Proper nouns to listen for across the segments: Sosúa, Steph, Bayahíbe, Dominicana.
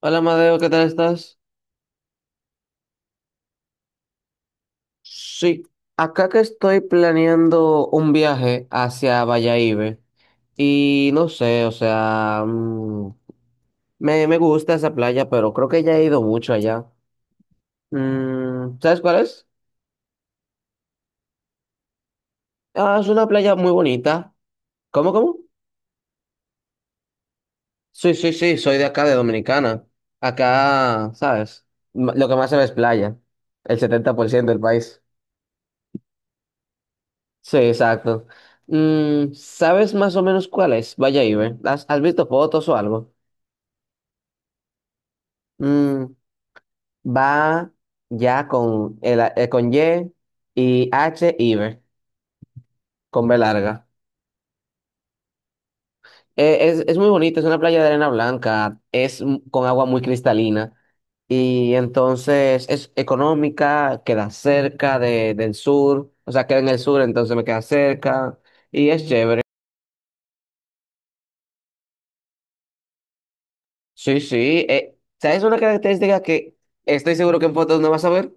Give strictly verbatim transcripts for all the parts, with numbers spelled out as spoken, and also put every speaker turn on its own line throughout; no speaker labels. Hola Madeo, ¿qué tal estás? Sí, acá que estoy planeando un viaje hacia Bayahíbe y no sé, o sea, mm, me, me gusta esa playa, pero creo que ya he ido mucho allá. Mm, ¿sabes cuál es? Ah, es una playa muy bonita. ¿Cómo, cómo? Sí, sí, sí, soy de acá, de Dominicana. Acá, ¿sabes? M- Lo que más se ve es playa, el setenta por ciento del país. Sí, exacto. Mm, ¿sabes más o menos cuál es? Vaya Ibe. ¿Has, has visto fotos o algo? Mm, Va ya con, el, eh, con Y y H Ibe, con B larga. Eh, es, es muy bonito, es una playa de arena blanca, es m- con agua muy cristalina. Y entonces es económica, queda cerca de, del sur, o sea, queda en el sur, entonces me queda cerca. Y es chévere. Sí, sí. Eh, ¿sabes una característica que estoy seguro que en fotos no vas a ver?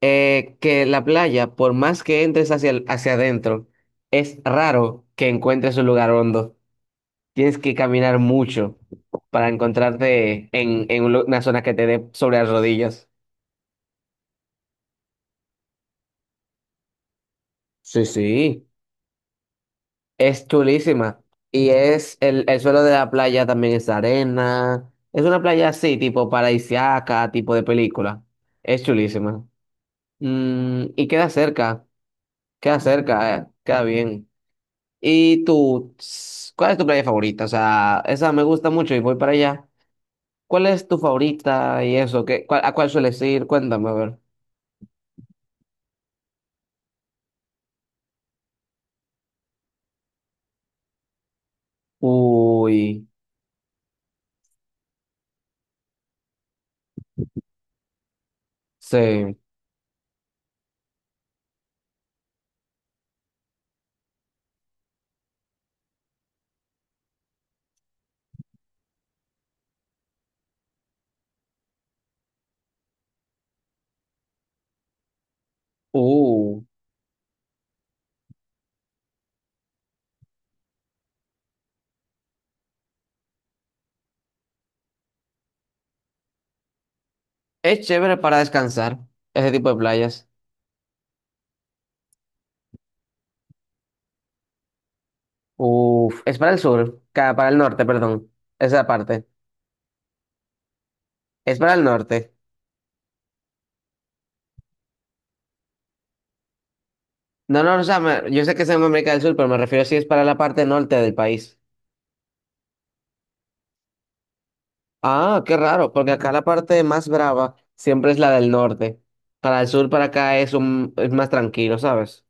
Eh, que la playa, por más que entres hacia, el- hacia adentro, es raro que encuentres un lugar hondo. Tienes que caminar mucho para encontrarte en, en un lu- una zona que te dé sobre las rodillas. Sí, sí. Es chulísima. Y es el, el suelo de la playa también es arena. Es una playa así, tipo paradisíaca, tipo de película. Es chulísima. Mm, y queda cerca. Queda cerca, eh, queda bien. ¿Y tú, ts- cuál es tu playa favorita? O sea, esa me gusta mucho y voy para allá. ¿Cuál es tu favorita y eso? ¿Qué, cuál- a cuál sueles ir? Cuéntame, a ver. Uy, sí. Uh, es chévere para descansar, ese tipo de playas. Uf, es para el sur, ca- para el norte, perdón. Esa parte. Es para el norte. No, no, o sea, me- yo sé que es en América del Sur, pero me refiero si es para la parte norte del país. Ah, qué raro, porque acá la parte más brava siempre es la del norte. Para el sur, para acá es un, es más tranquilo, ¿sabes?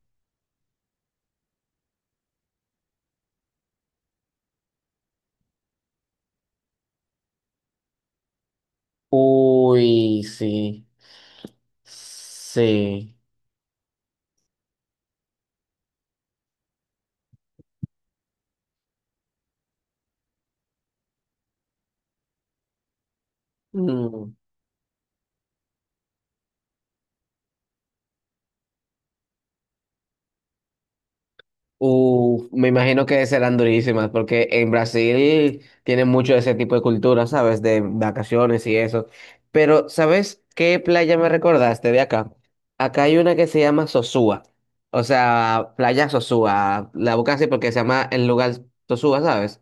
Uy, sí. Sí. Mm. Uf, me imagino que serán durísimas, porque en Brasil tienen mucho de ese tipo de cultura, ¿sabes? De vacaciones y eso. Pero, ¿sabes qué playa me recordaste de acá? Acá hay una que se llama Sosúa. O sea, playa Sosúa. La buscas así porque se llama el lugar Sosúa, ¿sabes?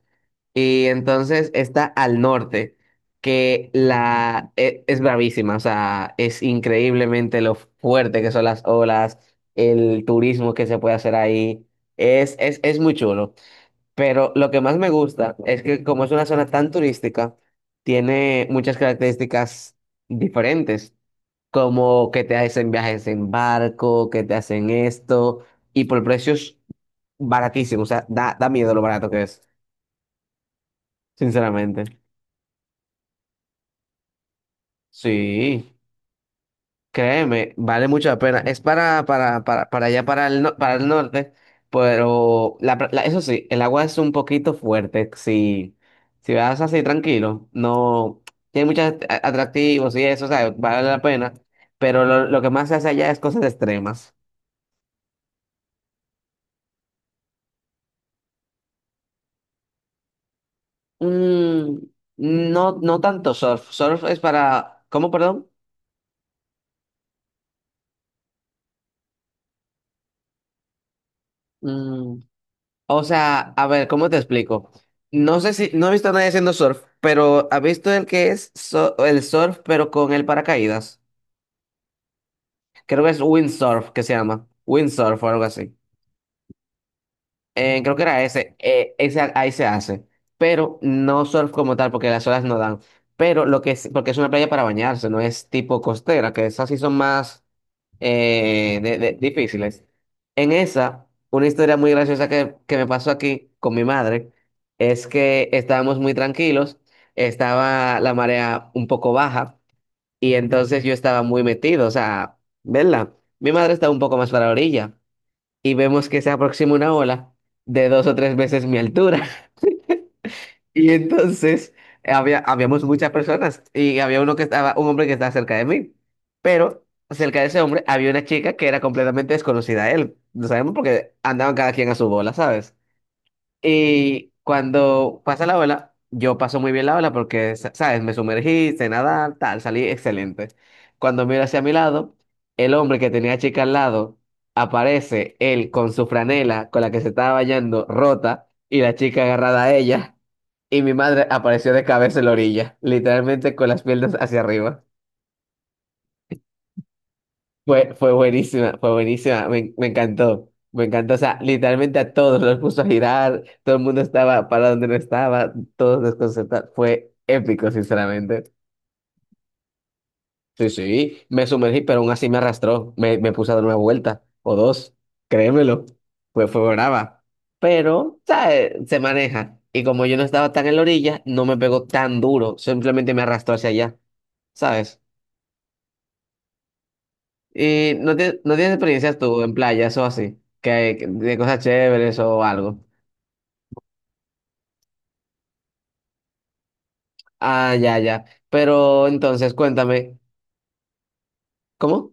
Y entonces está al norte, que la e- es, bravísima, o sea, es increíblemente lo fuerte que son las olas, el turismo que se puede hacer ahí, es, es, es muy chulo. Pero lo que más me gusta es que como es una zona tan turística, tiene muchas características diferentes, como que te hacen viajes en barco, que te hacen esto, y por precios baratísimos, o sea, da, da miedo lo barato que es, sinceramente. Sí, créeme, vale mucho la pena. Es para, para, para, para allá, para el, no- para el norte, pero la, pra- la- eso sí, el agua es un poquito fuerte. Si, si vas así tranquilo, no tiene muchos a- atractivos y eso, o sea, vale la pena, pero lo, lo que más se hace allá es cosas extremas. Mm, no, no tanto surf. Surf es para, ¿cómo, perdón? Mm, O sea, a ver, ¿cómo te explico? No sé si, no he visto a nadie haciendo surf, pero ¿has visto el que es so- el surf, pero con el paracaídas? Creo que es windsurf, que se llama. Windsurf o algo así. Eh, creo que era ese. Eh, ese. Ahí se hace. Pero no surf como tal, porque las olas no dan. Pero lo que es, porque es una playa para bañarse, no es tipo costera, que esas sí son más. Eh, de- de- difíciles. En esa, una historia muy graciosa que, que me pasó aquí con mi madre es que estábamos muy tranquilos, estaba la marea un poco baja y entonces yo estaba muy metido, o sea, ¿verdad? Mi madre estaba un poco más para la orilla y vemos que se aproxima una ola de dos o tres veces mi altura. Y entonces había, habíamos muchas personas y había uno que estaba, un hombre que estaba cerca de mí, pero cerca de ese hombre había una chica que era completamente desconocida a él. No sabemos porque andaban cada quien a su bola, ¿sabes? Y cuando pasa la ola, yo paso muy bien la ola porque, sa- ¿sabes? Me sumergí, sé nadar, tal, salí excelente. Cuando miro hacia mi lado, el hombre que tenía a chica al lado, aparece él con su franela con la que se estaba bañando rota y la chica agarrada a ella. Y mi madre apareció de cabeza en la orilla, literalmente con las piernas hacia arriba. Fue, fue buenísima, fue buenísima, me, me encantó, me encantó, o sea, literalmente a todos los puso a girar, todo el mundo estaba para donde no estaba, todos desconcertados, fue épico, sinceramente. Sí, sí, me sumergí, pero aún así me arrastró, me, me puse a dar una vuelta o dos, créemelo, pues fue brava, pero, ¿sabes? Se maneja, y como yo no estaba tan en la orilla, no me pegó tan duro, simplemente me arrastró hacia allá, ¿sabes? Y no, tie- no tienes experiencias tú en playas o así, que, que- de cosas chéveres o algo. Ah, ya, ya. Pero entonces, cuéntame, ¿cómo?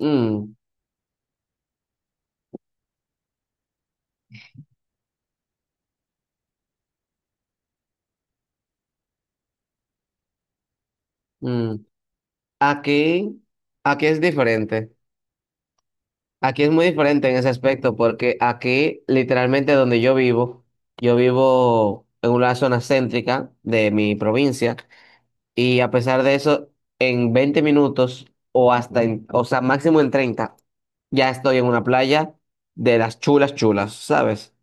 Mm, mm. Aquí, aquí es diferente. Aquí es muy diferente en ese aspecto, porque aquí, literalmente donde yo vivo, yo vivo en una zona céntrica de mi provincia. Y a pesar de eso, en veinte minutos o hasta en, o sea, máximo en treinta ya estoy en una playa de las chulas chulas, ¿sabes?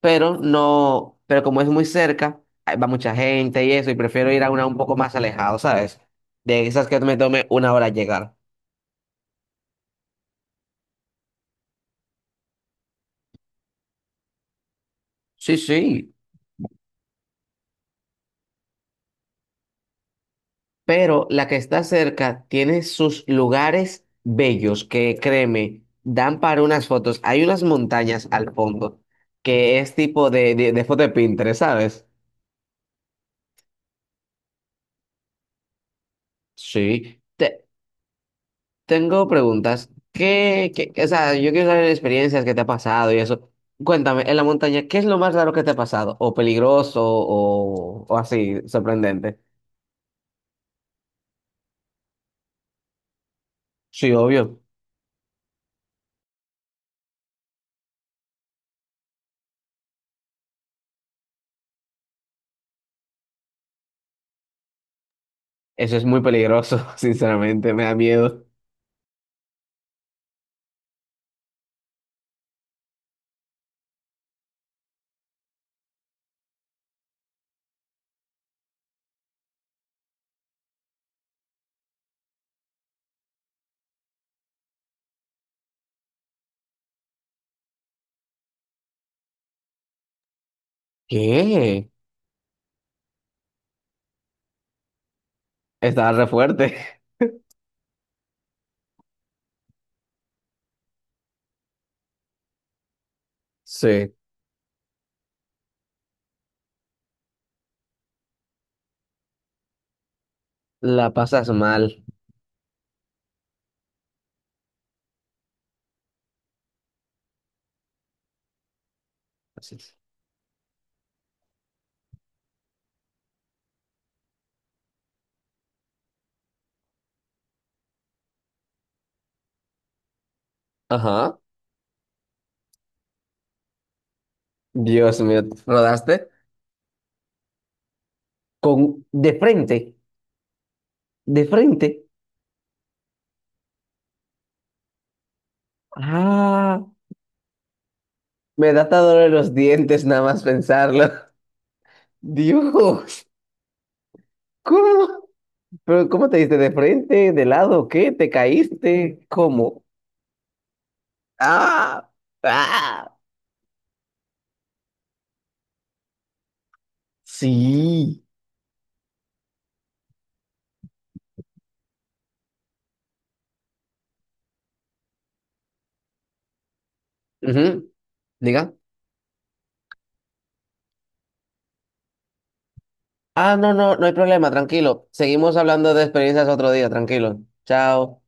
Pero no, pero como es muy cerca, ahí va mucha gente y eso, y prefiero ir a una un poco más alejado, ¿sabes? De esas que me tome una hora llegar. Sí, sí. Pero la que está cerca tiene sus lugares bellos que, créeme, dan para unas fotos. Hay unas montañas al fondo que es tipo de, de, de foto de Pinterest, ¿sabes? Sí. Te- tengo preguntas. ¿Qué, qué- o sea, yo quiero saber experiencias que te ha pasado y eso. Cuéntame, en la montaña, ¿qué es lo más raro que te ha pasado? ¿O peligroso o, o así, sorprendente? Sí, obvio. Eso es muy peligroso, sinceramente, me da miedo. ¿Qué? Estaba re fuerte. Sí. La pasas mal. Así es. Ajá. Dios mío, ¿rodaste? Con, de frente, de frente. Ah, me da hasta dolor en los dientes nada más pensarlo. Dios, ¿cómo? ¿Pero cómo te diste de frente, de lado, qué? ¿Te caíste? ¿Cómo? Ah, ah. Sí. Ujú. Diga. Ah, no, no, no hay problema, tranquilo. Seguimos hablando de experiencias otro día, tranquilo. Chao.